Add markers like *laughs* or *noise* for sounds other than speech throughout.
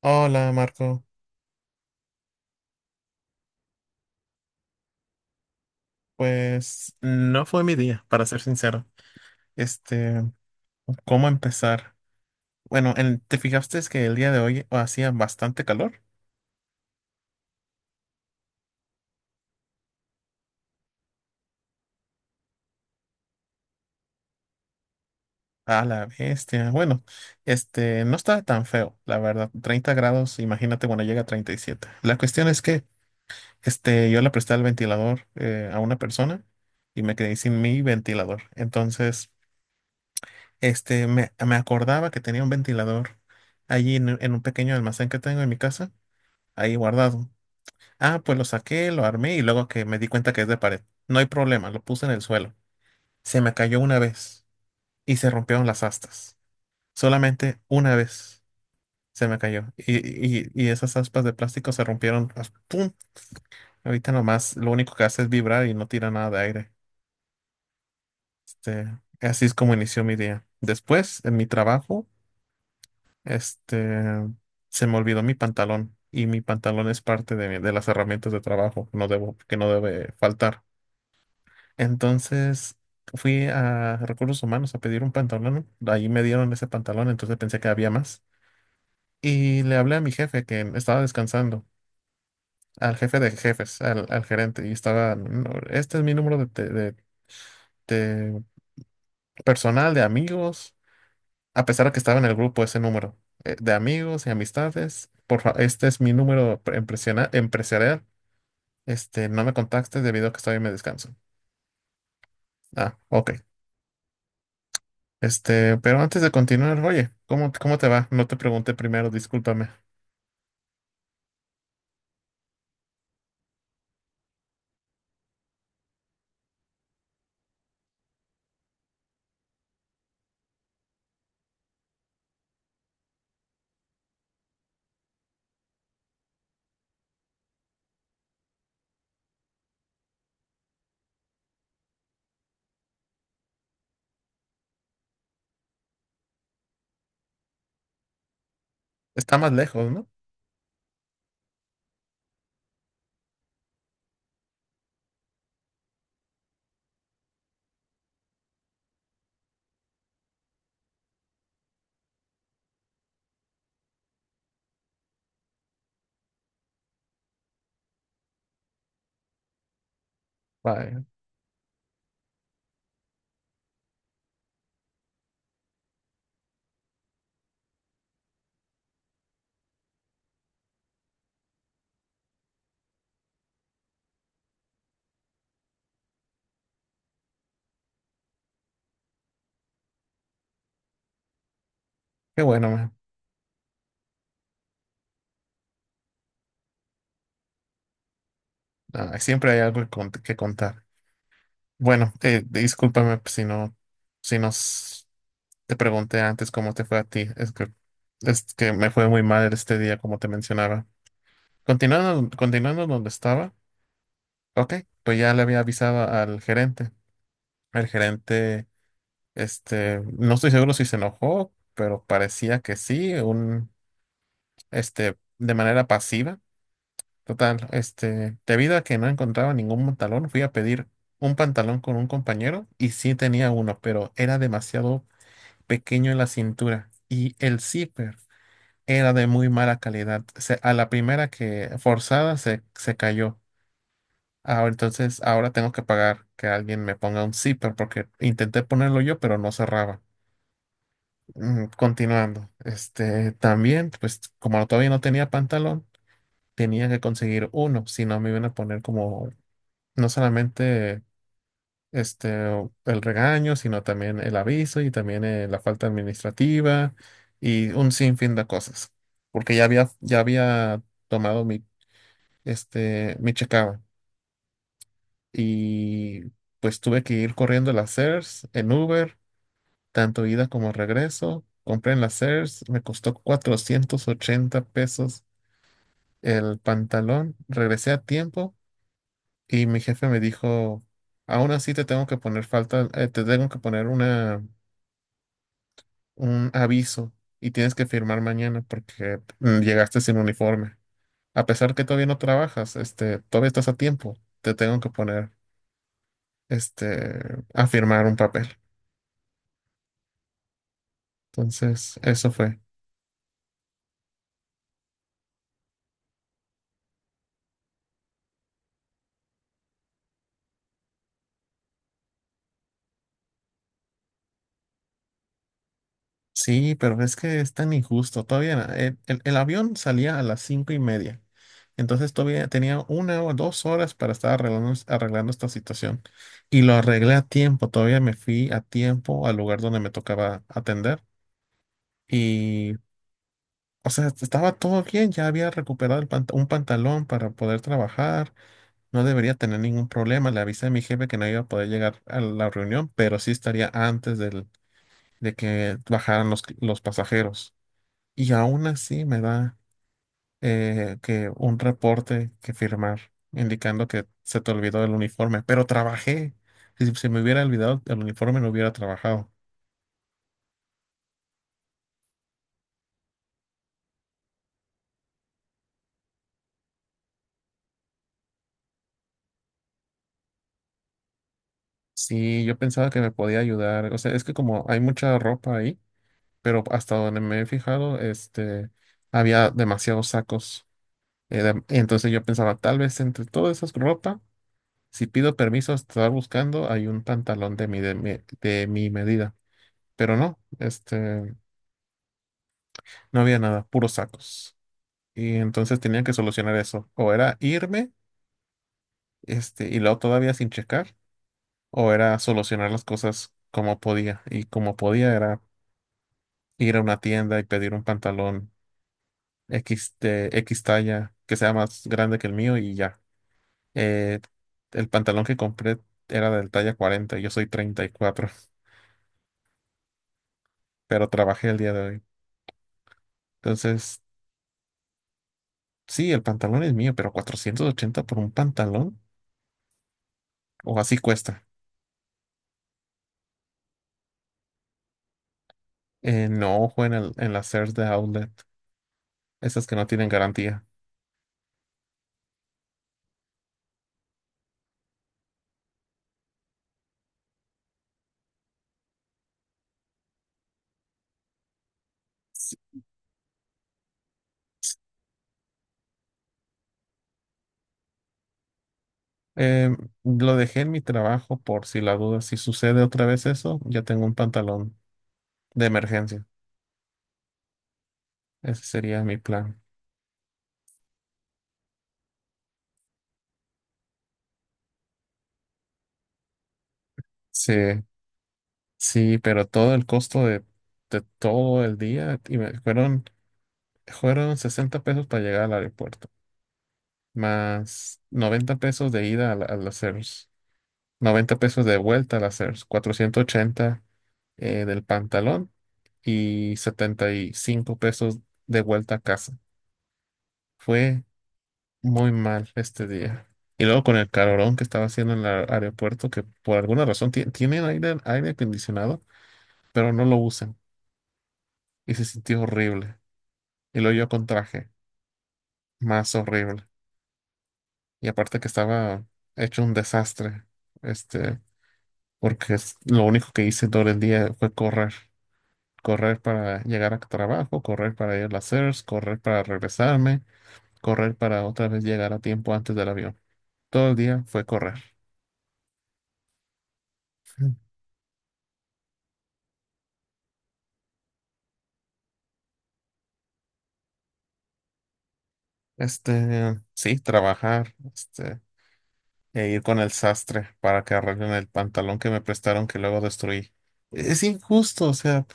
Hola Marco, pues no fue mi día, para ser sincero. Este, ¿Cómo empezar? Bueno, ¿te fijaste que el día de hoy hacía bastante calor? A la bestia. Bueno, no estaba tan feo, la verdad. 30 grados, imagínate cuando llega a 37. La cuestión es que, yo le presté el ventilador a una persona y me quedé sin mi ventilador. Entonces, me acordaba que tenía un ventilador allí en un pequeño almacén que tengo en mi casa, ahí guardado. Ah, pues lo saqué, lo armé y luego que me di cuenta que es de pared. No hay problema, lo puse en el suelo. Se me cayó una vez y se rompieron las astas. Solamente una vez se me cayó. Y esas aspas de plástico se rompieron. ¡Pum! Ahorita nomás lo único que hace es vibrar y no tira nada de aire. Este, así es como inició mi día. Después, en mi trabajo, este, se me olvidó mi pantalón. Y mi pantalón es parte de, de las herramientas de trabajo, no debo, que no debe faltar. Entonces fui a Recursos Humanos a pedir un pantalón. Ahí me dieron ese pantalón, entonces pensé que había más. Y le hablé a mi jefe que estaba descansando, al jefe de jefes, al gerente. Y estaba, "No, este es mi número de personal, de amigos. A pesar de que estaba en el grupo ese número de amigos y amistades. Este es mi número empresarial. No me contactes debido a que estoy en mi descanso. Ah, ok. Pero antes de continuar, oye, ¿cómo te va? No te pregunté primero, discúlpame. Está más lejos, ¿no? Vaya, qué bueno, man. Ah, siempre hay algo que contar. Bueno, discúlpame pues, si no, si nos te pregunté antes cómo te fue a ti. Es que me fue muy mal este día, como te mencionaba. Continuando donde estaba, ok, pues ya le había avisado al gerente. El gerente, no estoy seguro si se enojó, pero parecía que sí, de manera pasiva. Total, debido a que no encontraba ningún pantalón, fui a pedir un pantalón con un compañero y sí tenía uno, pero era demasiado pequeño en la cintura y el zipper era de muy mala calidad. A la primera que forzada se cayó. Ahora, entonces, ahora tengo que pagar que alguien me ponga un zipper porque intenté ponerlo yo, pero no cerraba. Continuando, también, pues como todavía no tenía pantalón, tenía que conseguir uno, si no me iban a poner como no solamente este el regaño, sino también el aviso y también la falta administrativa y un sinfín de cosas, porque ya había tomado mi checaba y pues tuve que ir corriendo a las CERS en Uber, tanto ida como regreso. Compré en las CERS, me costó 480 pesos el pantalón, regresé a tiempo y mi jefe me dijo, aún así te tengo que poner falta, te tengo que poner una, un aviso y tienes que firmar mañana porque llegaste sin uniforme. A pesar que todavía no trabajas, todavía estás a tiempo, te tengo que poner, este, a firmar un papel. Entonces, eso fue. Sí, pero es que es tan injusto. Todavía el avión salía a las 5:30. Entonces todavía tenía 1 o 2 horas para estar arreglando, arreglando esta situación. Y lo arreglé a tiempo. Todavía me fui a tiempo al lugar donde me tocaba atender. Y, o sea, estaba todo bien. Ya había recuperado el un pantalón para poder trabajar. No debería tener ningún problema. Le avisé a mi jefe que no iba a poder llegar a la reunión, pero sí estaría antes de que bajaran los pasajeros. Y aún así me da que un reporte que firmar indicando que se te olvidó el uniforme, pero trabajé. Si se me hubiera olvidado el uniforme, no hubiera trabajado. Sí, yo pensaba que me podía ayudar. O sea, es que como hay mucha ropa ahí, pero hasta donde me he fijado, había demasiados sacos. Entonces yo pensaba, tal vez entre todas esas ropa, si pido permiso a estar buscando, hay un pantalón de mi medida. Pero no. No había nada, puros sacos. Y entonces tenían que solucionar eso. O era irme, y luego todavía sin checar, o era solucionar las cosas como podía. Y como podía era ir a una tienda y pedir un pantalón X de X talla que sea más grande que el mío y ya. Eh, el pantalón que compré era del talla 40 yo soy 34 *laughs* pero trabajé el día de hoy. Entonces, sí, el pantalón es mío, pero 480 por un pantalón, o así cuesta. No, fue en las CERS de Outlet, esas que no tienen garantía. Sí. Em, lo dejé en mi trabajo por si la duda, si sucede otra vez eso, ya tengo un pantalón de emergencia. Ese sería mi plan. Sí, sí, pero todo el costo de todo el día fueron 60 pesos para llegar al aeropuerto, más 90 pesos de ida a las CERS, 90 pesos de vuelta a las CERs, 480. Del pantalón y 75 pesos de vuelta a casa. Fue muy mal este día. Y luego con el calorón que estaba haciendo en el aeropuerto, que por alguna razón tienen aire acondicionado, pero no lo usan. Y se sintió horrible. Y luego yo con traje, más horrible. Y aparte que estaba hecho un desastre, este, porque lo único que hice todo el día fue correr. Correr para llegar a trabajo, correr para ir a las CERS, correr para regresarme correr para otra vez llegar a tiempo antes del avión. Todo el día fue correr. Mm. Sí, trabajar, e ir con el sastre para que arreglen el pantalón que me prestaron que luego destruí. Es injusto, o sea,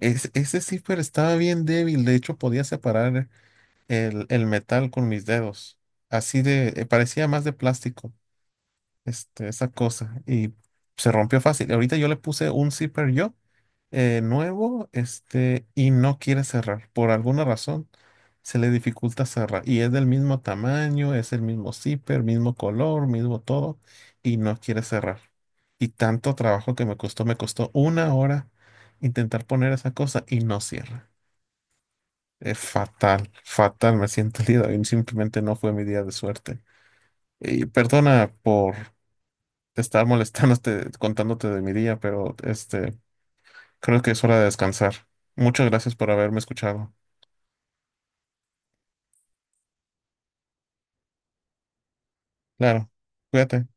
ese zipper estaba bien débil, de hecho podía separar el metal con mis dedos. Así de, parecía más de plástico, esa cosa, y se rompió fácil. Ahorita yo le puse un zipper yo nuevo, y no quiere cerrar. Por alguna razón se le dificulta cerrar. Y es del mismo tamaño, es el mismo zipper, mismo color, mismo todo, y no quiere cerrar. Y tanto trabajo que me costó 1 hora intentar poner esa cosa y no cierra. Es fatal, fatal, me siento el día de hoy. Simplemente no fue mi día de suerte. Y perdona por estar molestándote, contándote de mi día, pero. Creo que es hora de descansar. Muchas gracias por haberme escuchado. Claro, cuídate.